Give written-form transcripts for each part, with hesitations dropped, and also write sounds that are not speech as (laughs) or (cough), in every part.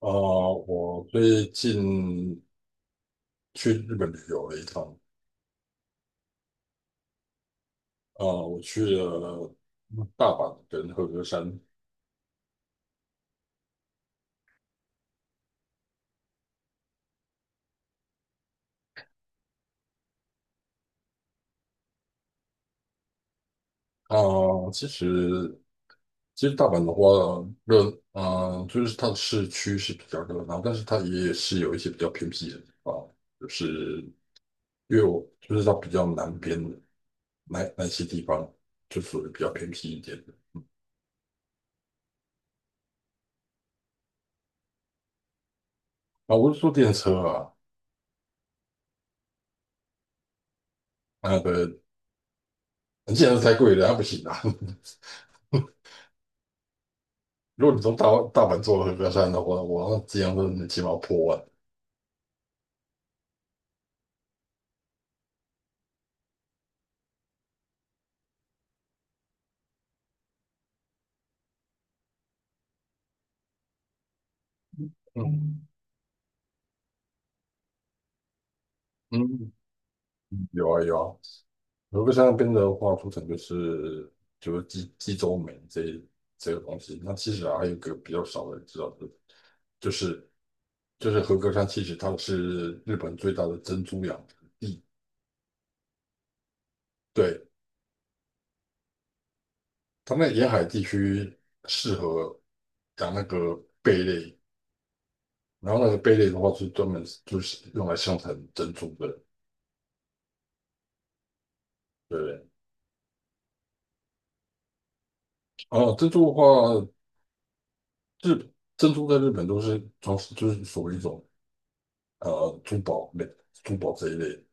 呃，我最近去日本旅游了一趟。我去了大阪跟和歌山。啊，其实其实大阪的话，就是它的市区是比较热闹，但是它也是有一些比较偏僻的地方，就是因为我就是它比较南边的，那些地方，就属于比较偏僻一点的。啊，我是坐电车啊，那个电车然是太贵了，那不行啊。(laughs) 如果你从大阪坐和歌山的话，我那机票真起码要破万。嗯嗯，有啊有啊，和歌山那边的话，出产就是济州煤这个东西。那其实啊还有一个比较少的人知道的，就是就是和歌山，其实它是日本最大的珍珠养殖地。对，它那沿海地区适合养那个贝类，然后那个贝类的话是专门就是用来生产珍珠的。对不对？哦，珍珠的话，珍珠在日本都是传，就是属于一种呃珠宝类、珠宝这一类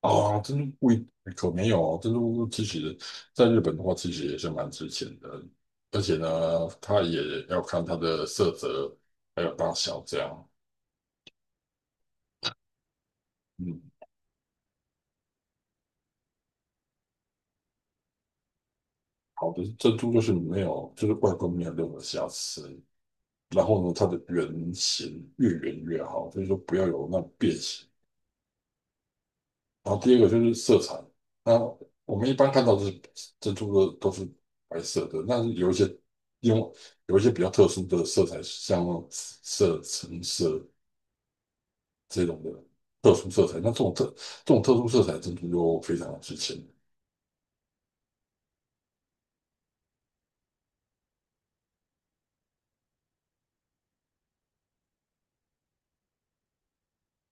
啊。珍珠贵可没有哦，珍珠其实在日本的话，其实也是蛮值钱的，而且呢，它也要看它的色泽还有大小这样。嗯，好的珍珠就是没有，就是外观没有任何瑕疵，然后呢，它的圆形越圆越好，所以说不要有那种变形。然后第二个就是色彩，那我们一般看到的珍珠的都是白色的，但是用有一些比较特殊的色彩，像橙色这种的特殊色彩，那这种特殊色彩珍珠就非常的值钱。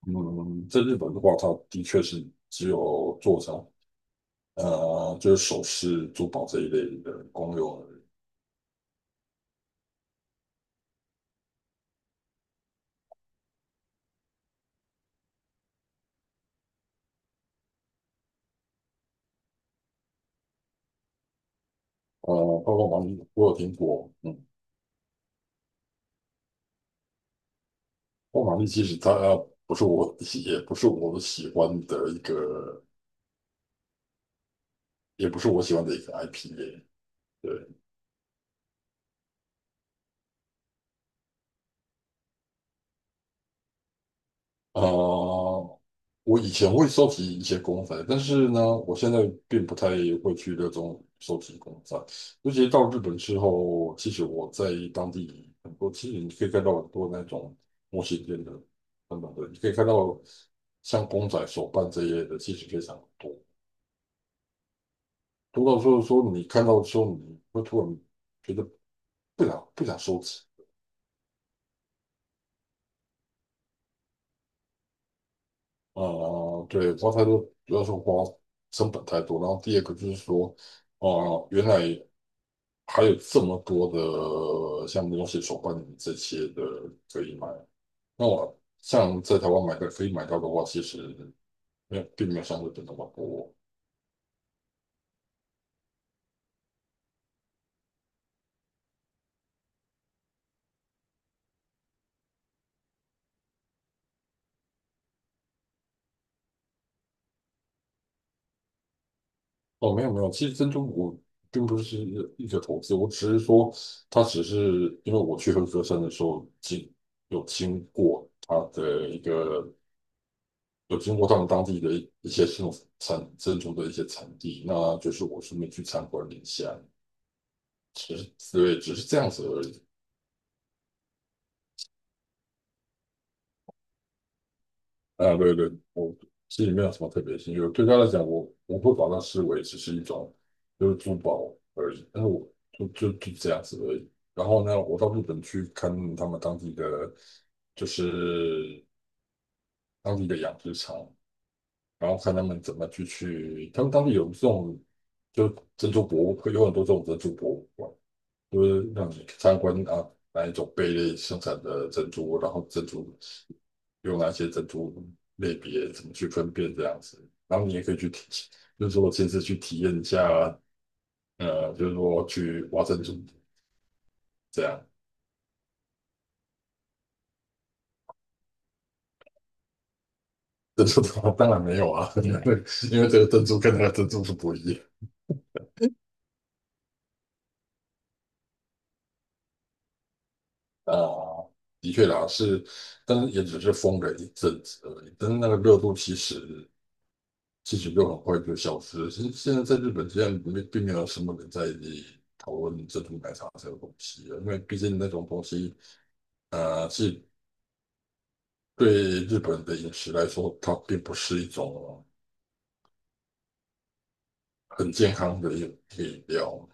嗯，在日本的话，它的确是只有做成就是首饰、珠宝这一类的公有而已。呃，包括王，我有听过，嗯。我马丽其实它不是我，也不是我喜欢的一个，也不是我喜欢的一个 IP。 对。啊、呃我以前会收集一些公仔，但是呢，我现在并不太会去热衷收集公仔。尤其到日本之后，其实我在当地很多，其实你可以看到很多那种模型店的等等的，你可以看到像公仔、手办这一类的，其实非常多。说你看到的时候，你会突然觉得不想收集。对，花太多主要是花成本太多，然后第二个就是说原来还有这么多的像东西手办这些的可以买，那我像在台湾可以买到的话，其实没有并没有相对的那么多。哦，没有没有，其实珍珠我并不是一个投资，我只是说它只是因为我去合歌山的时候有经过它的一个有经过他们当地的一些这种产珍珠的一些产地，那就是我顺便去参观了一下，只是对，只是这样子而已。啊，对对，我心里面有什么特别兴趣。我对他来讲，我会把它视为只是一种就是珠宝而已，但是我就这样子而已。然后呢，我到日本去看他们就是当地的养殖场，然后看他们怎么他们当地有这种就珍珠博物馆，有很多这种珍珠博物馆，就是让你参观啊哪一种贝类生产的珍珠，然后珍珠用哪些珍珠类别怎么去分辨这样子。然后你也可以就是说亲自去体验一下，就是说去挖珍珠这样。珍珠的话当然没有啊，(laughs) 因为这个珍珠跟那个珍珠是不一样啊。的确啦，是，但是也只是封了一阵子而已。但是那个热度其实就很快就消失了。现在在日本，现在没并没有什么人在讨论珍珠奶茶这个东西了，因为毕竟那种东西，呃，是对日本的饮食来说，它并不是一种很健康的饮料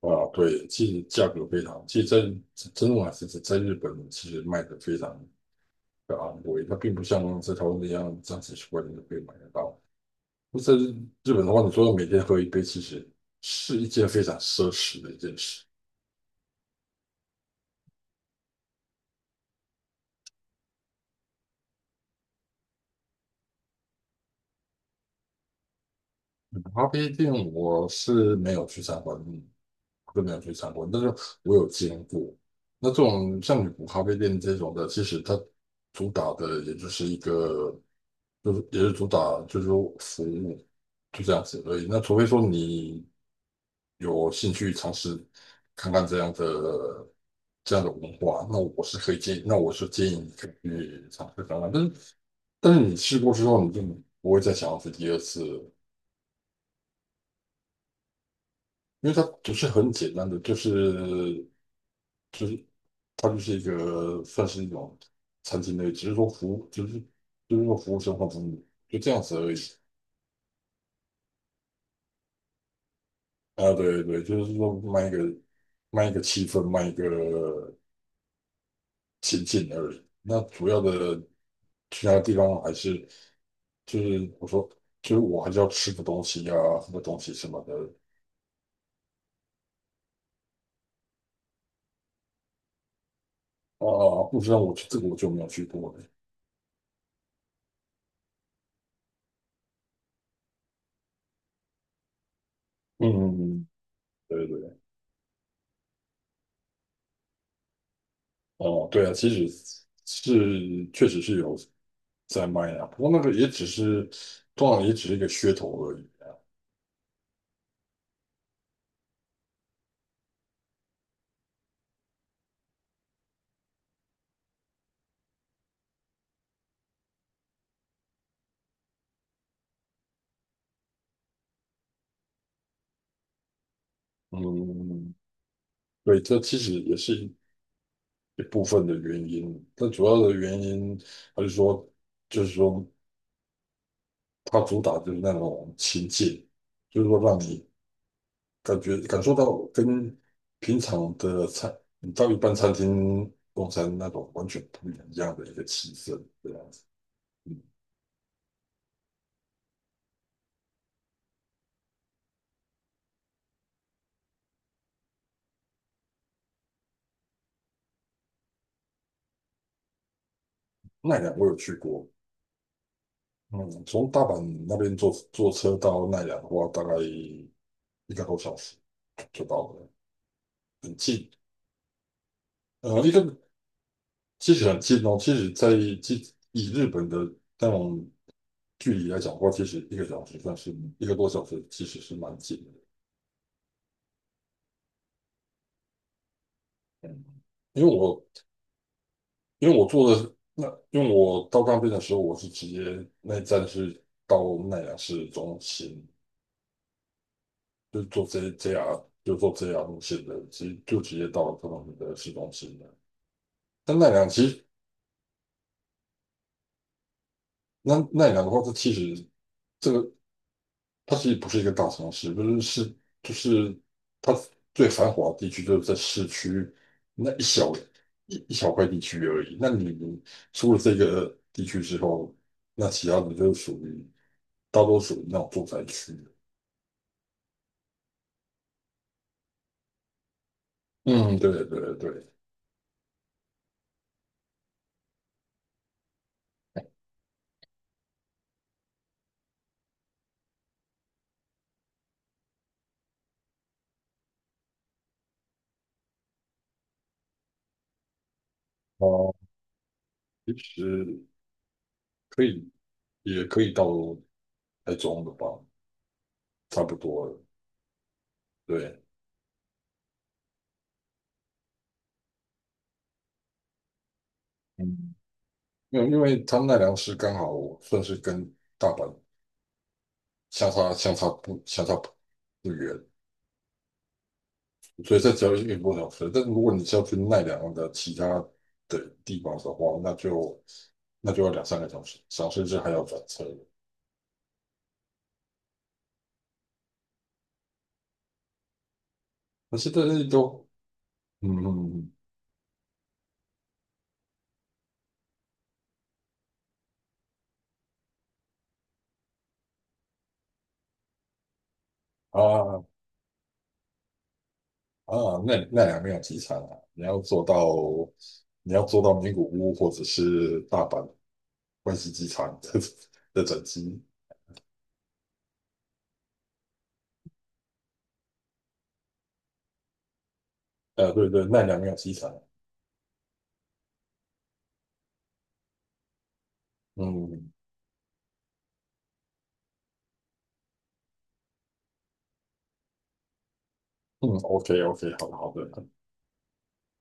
啊。对，其实价格非常，其实在日本其实卖的非常的昂贵，它并不像在台湾那样三十几块钱就可以买得到。那在日本的话，你说每天喝一杯，其实是一件非常奢侈的一件事。咖啡店我是没有去参观，都没有去参观，但是我有经过。那这种像女仆咖啡店这种的，其实它主打的也就是一个，就是也是主打就是说服务，就这样子而已。那除非说你有兴趣尝试看看这样的文化，那我是建议你可以去尝试看看。但是你试过之后，你就不会再想要去第二次。因为它不是很简单的，就是它就是一个算是一种餐厅类，只是说服务就是就是说服务生活服务就这样子而已。啊，对对，就是说卖一个气氛，卖一个情境而已。那主要的其他地方还是就是我说就是我还是要吃个东西呀、喝个东西什么的。啊,不知道，我这个我就没有去过了。嗯，对对。哦，对啊，其实是确实是有在卖啊，不过那个也只是，通常也只是一个噱头而已啊。嗯，对，这其实也是一部分的原因，但主要的原因还是说，就是说它主打就是那种亲近，就是说让你感受到跟平常的餐，你到一般餐厅用餐那种完全不一样的一个气氛，这样子。奈良我有去过。嗯，从大阪那边坐车到奈良的话，大概一个多小时就到了，很近。呃，一个其实很近哦，其实这以日本的那种距离来讲的话，其实一个小时算是一个多小时，其实是蛮近的。嗯，因为我因为我到那边的时候，我是直接那一站是到奈良市中心，就是做这 r 路线的，其实就直接到了他们的市中心了。但奈良其实那奈良的话，这个它其实不是一个大城市，不是是就是它最繁华的地区就是在市区那一小一小块地区而已。那你出了这个地区之后，那其他的就属于大多属于那种住宅区。嗯，对对对。哦，其实可以，也可以到台中的吧，差不多了。对，嗯，因为他奈良市刚好算是跟大阪相差相差不相差不不远，所以这只要一个多小时。但是如果你是要去奈良的其他的地方的话，那就要两三个小时，小时至还要转车。可是这些都，嗯嗯奈良没有机场啊，你要坐到名古屋或者是大阪关西机场的 (laughs) 的转机。对对，奈良也有机场。嗯嗯，OK OK,好的好的，